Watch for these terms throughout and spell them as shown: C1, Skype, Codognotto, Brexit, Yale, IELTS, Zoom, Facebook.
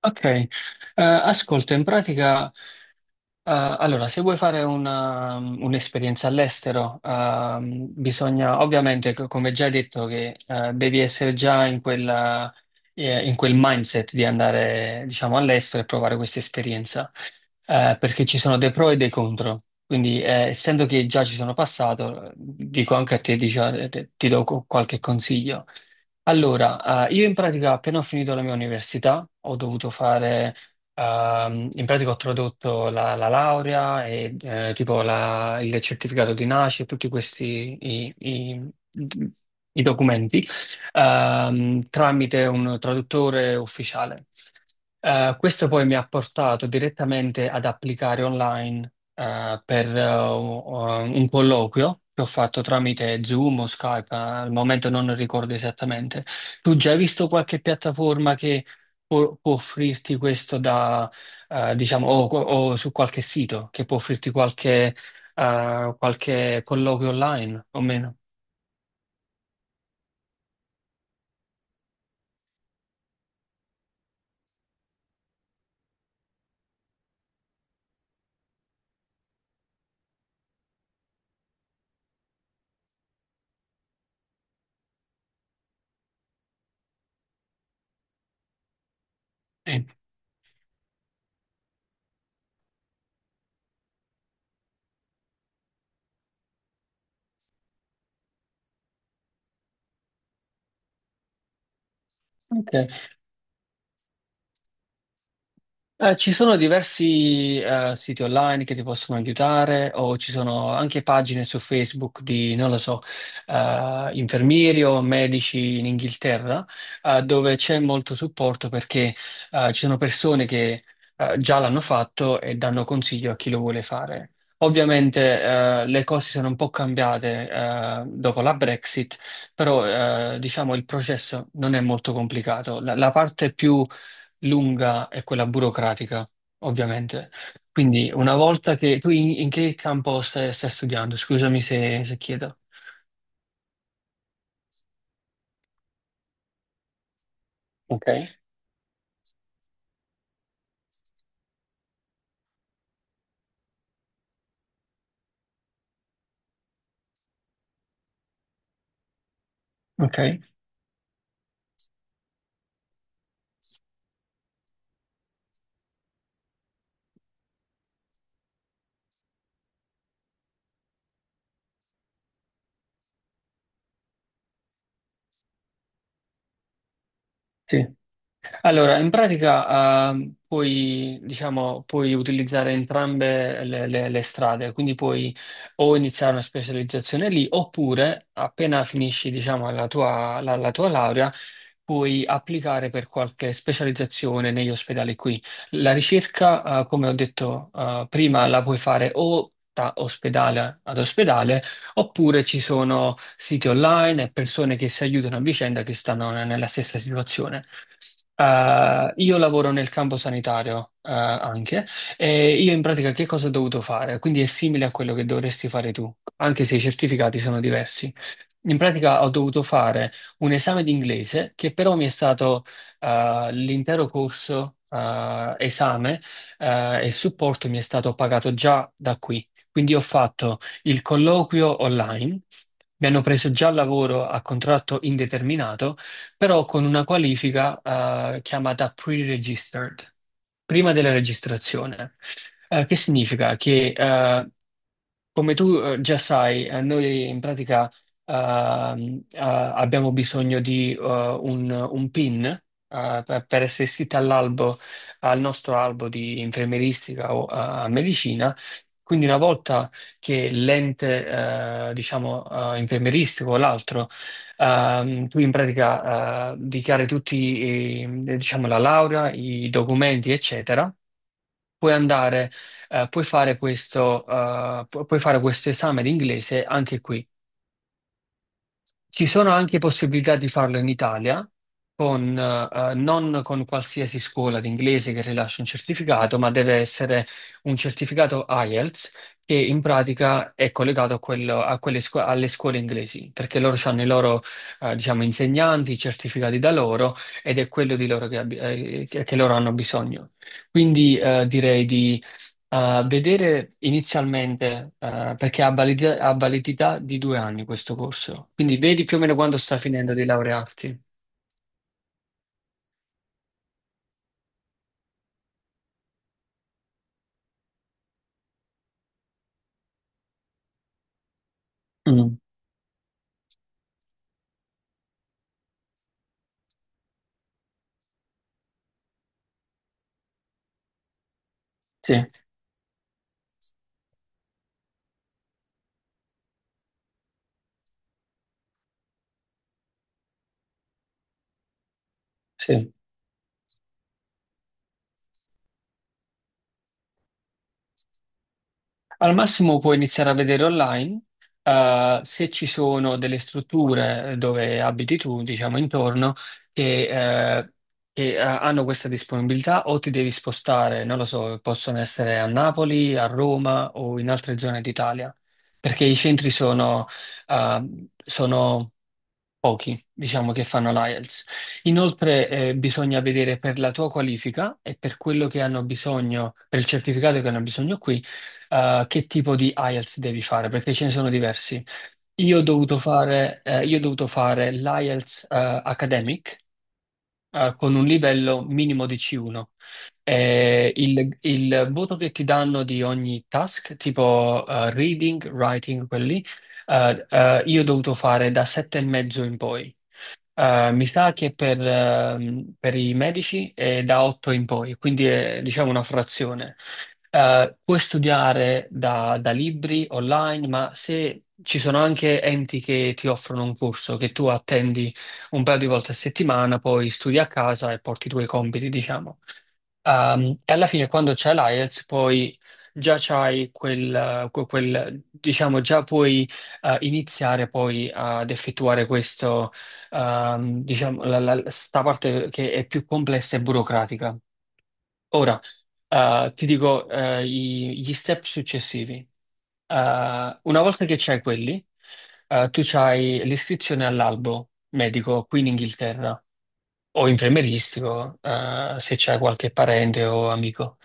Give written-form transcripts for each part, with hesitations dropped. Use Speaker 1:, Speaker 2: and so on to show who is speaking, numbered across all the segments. Speaker 1: Ok. Ascolta, in pratica, allora, se vuoi fare un'esperienza all'estero, bisogna, ovviamente, come già detto, che devi essere già in in quel mindset di andare, diciamo, all'estero e provare questa esperienza, perché ci sono dei pro e dei contro. Quindi, essendo che già ci sono passato, dico anche a te, ti do qualche consiglio. Allora, io in pratica appena ho finito la mia università ho dovuto fare, in pratica ho tradotto la laurea e tipo il certificato di nascita, tutti questi i documenti, tramite un traduttore ufficiale. Questo poi mi ha portato direttamente ad applicare online per un colloquio che ho fatto tramite Zoom o Skype, al momento non ricordo esattamente. Tu già hai visto qualche piattaforma che può offrirti questo da, diciamo, o su qualche sito che può offrirti qualche colloquio online o meno? Sì. Ok. Ci sono diversi siti online che ti possono aiutare, o ci sono anche pagine su Facebook di, non lo so, infermieri o medici in Inghilterra, dove c'è molto supporto, perché ci sono persone che già l'hanno fatto e danno consiglio a chi lo vuole fare. Ovviamente le cose sono un po' cambiate dopo la Brexit, però diciamo il processo non è molto complicato. La parte più lunga è quella burocratica, ovviamente. Quindi una volta che tu, in che campo stai studiando? Scusami se chiedo. Ok. Ok, sì. Allora, in pratica, puoi, diciamo, puoi utilizzare entrambe le strade, quindi puoi o iniziare una specializzazione lì, oppure appena finisci, diciamo, la tua laurea, puoi applicare per qualche specializzazione negli ospedali qui. La ricerca, come ho detto prima, la puoi fare o da ospedale ad ospedale, oppure ci sono siti online e persone che si aiutano a vicenda, che stanno nella stessa situazione. Io lavoro nel campo sanitario anche, e io in pratica che cosa ho dovuto fare? Quindi è simile a quello che dovresti fare tu, anche se i certificati sono diversi. In pratica ho dovuto fare un esame di inglese, che però mi è stato, l'intero corso, esame e supporto, mi è stato pagato già da qui. Quindi ho fatto il colloquio online, mi hanno preso già al lavoro a contratto indeterminato, però con una qualifica chiamata pre-registered, prima della registrazione. Che significa? Che, come tu già sai, noi in pratica abbiamo bisogno di un PIN per, essere iscritti all'albo, al nostro albo di infermieristica o medicina. Quindi una volta che l'ente, diciamo, infermieristico o l'altro, tu in pratica dichiari tutti, diciamo, la laurea, i documenti, eccetera. Puoi andare, puoi fare questo, puoi fare questo esame di inglese anche qui. Ci sono anche possibilità di farlo in Italia, con, non con qualsiasi scuola di inglese che rilascia un certificato, ma deve essere un certificato IELTS, che in pratica è collegato a quello- a quelle scu- alle scuole inglesi, perché loro hanno i loro, diciamo, insegnanti certificati da loro, ed è quello di loro che loro hanno bisogno. Quindi direi di a vedere inizialmente, perché ha validità di 2 anni questo corso, quindi vedi più o meno quando sta finendo di laurearti. Mm, sì, sì. Al massimo puoi iniziare a vedere online, se ci sono delle strutture dove abiti tu, diciamo intorno, che, eh, che hanno questa disponibilità, o ti devi spostare, non lo so, possono essere a Napoli, a Roma o in altre zone d'Italia, perché i centri sono, eh, sono pochi, diciamo, che fanno l'IELTS. Inoltre, bisogna vedere per la tua qualifica e per quello che hanno bisogno, per il certificato che hanno bisogno qui, che tipo di IELTS devi fare, perché ce ne sono diversi. Io ho dovuto fare l'IELTS, Academic, con un livello minimo di C1. Il voto che ti danno di ogni task, tipo reading, writing, quelli, io ho dovuto fare da 7,5 in poi. Mi sa che per i medici è da 8 in poi, quindi è, diciamo, una frazione. Puoi studiare da libri online, ma se ci sono anche enti che ti offrono un corso, che tu attendi un paio di volte a settimana, poi studi a casa e porti i tuoi compiti, diciamo. E alla fine quando c'è l'IELTS, poi già c'hai diciamo già puoi iniziare poi ad effettuare questo, diciamo, sta parte che è più complessa e burocratica. Ora, ti dico gli step successivi. Una volta che c'hai quelli, tu c'hai l'iscrizione all'albo medico qui in Inghilterra o infermieristico, se c'è qualche parente o amico.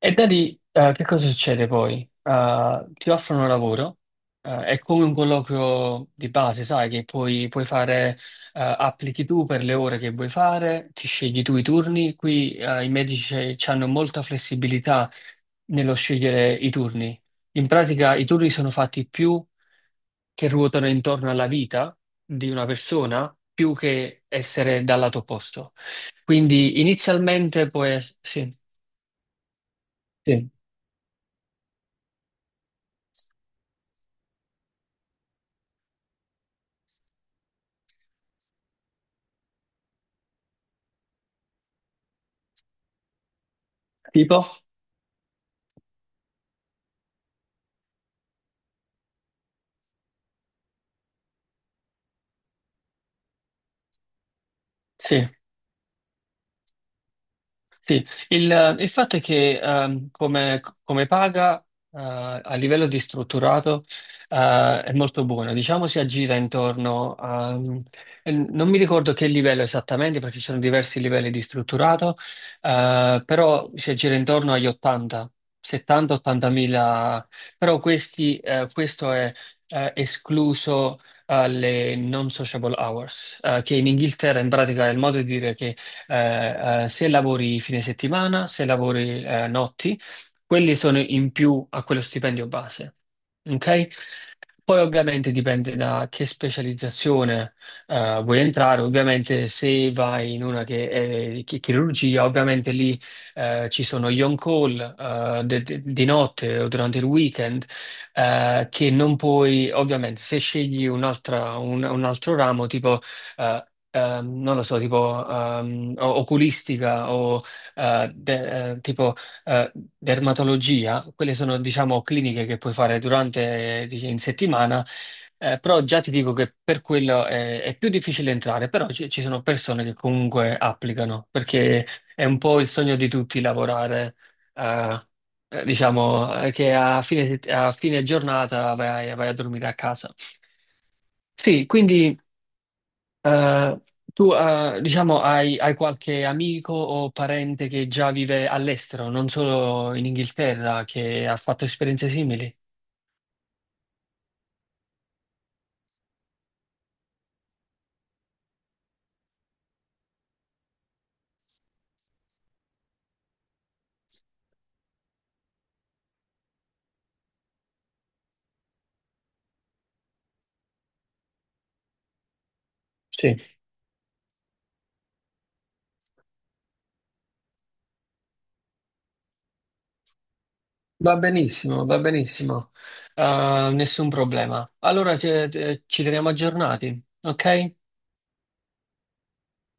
Speaker 1: E da lì, che cosa succede poi? Ti offrono lavoro, è come un colloquio di base, sai, che puoi fare, applichi tu per le ore che vuoi fare, ti scegli tu i turni. Qui i medici hanno molta flessibilità nello scegliere i turni. In pratica, i turni sono fatti più che ruotano intorno alla vita di una persona, più che essere dal lato opposto. Quindi, inizialmente, puoi, sì, sì. Tipo? Sì. Sì, il fatto è che, come, paga, eh, a livello di strutturato, è molto buona, diciamo si aggira intorno a, e non mi ricordo che livello esattamente perché ci sono diversi livelli di strutturato, però si aggira intorno agli 80, 70-80 mila, però questo è escluso alle non sociable hours, che in Inghilterra in pratica è il modo di dire che, se lavori fine settimana, se lavori notti, quelli sono in più a quello stipendio base. Ok? Poi ovviamente dipende da che specializzazione vuoi entrare. Ovviamente se vai in una che è chirurgia, ovviamente lì ci sono gli on-call di notte o durante il weekend, che non puoi; ovviamente se scegli un'altra, un altro ramo, tipo eh, non lo so, tipo oculistica o tipo eh, dermatologia, quelle sono, diciamo, cliniche che puoi fare durante, dice, in settimana. Però già ti dico che per quello è più difficile entrare, però ci sono persone che comunque applicano, perché è un po' il sogno di tutti lavorare, eh, diciamo, che a fine giornata vai a dormire a casa. Sì, quindi eh, tu, diciamo, hai qualche amico o parente che già vive all'estero, non solo in Inghilterra, che ha fatto esperienze simili? Sì. Va benissimo, va benissimo. Nessun problema. Allora ci teniamo aggiornati, ok?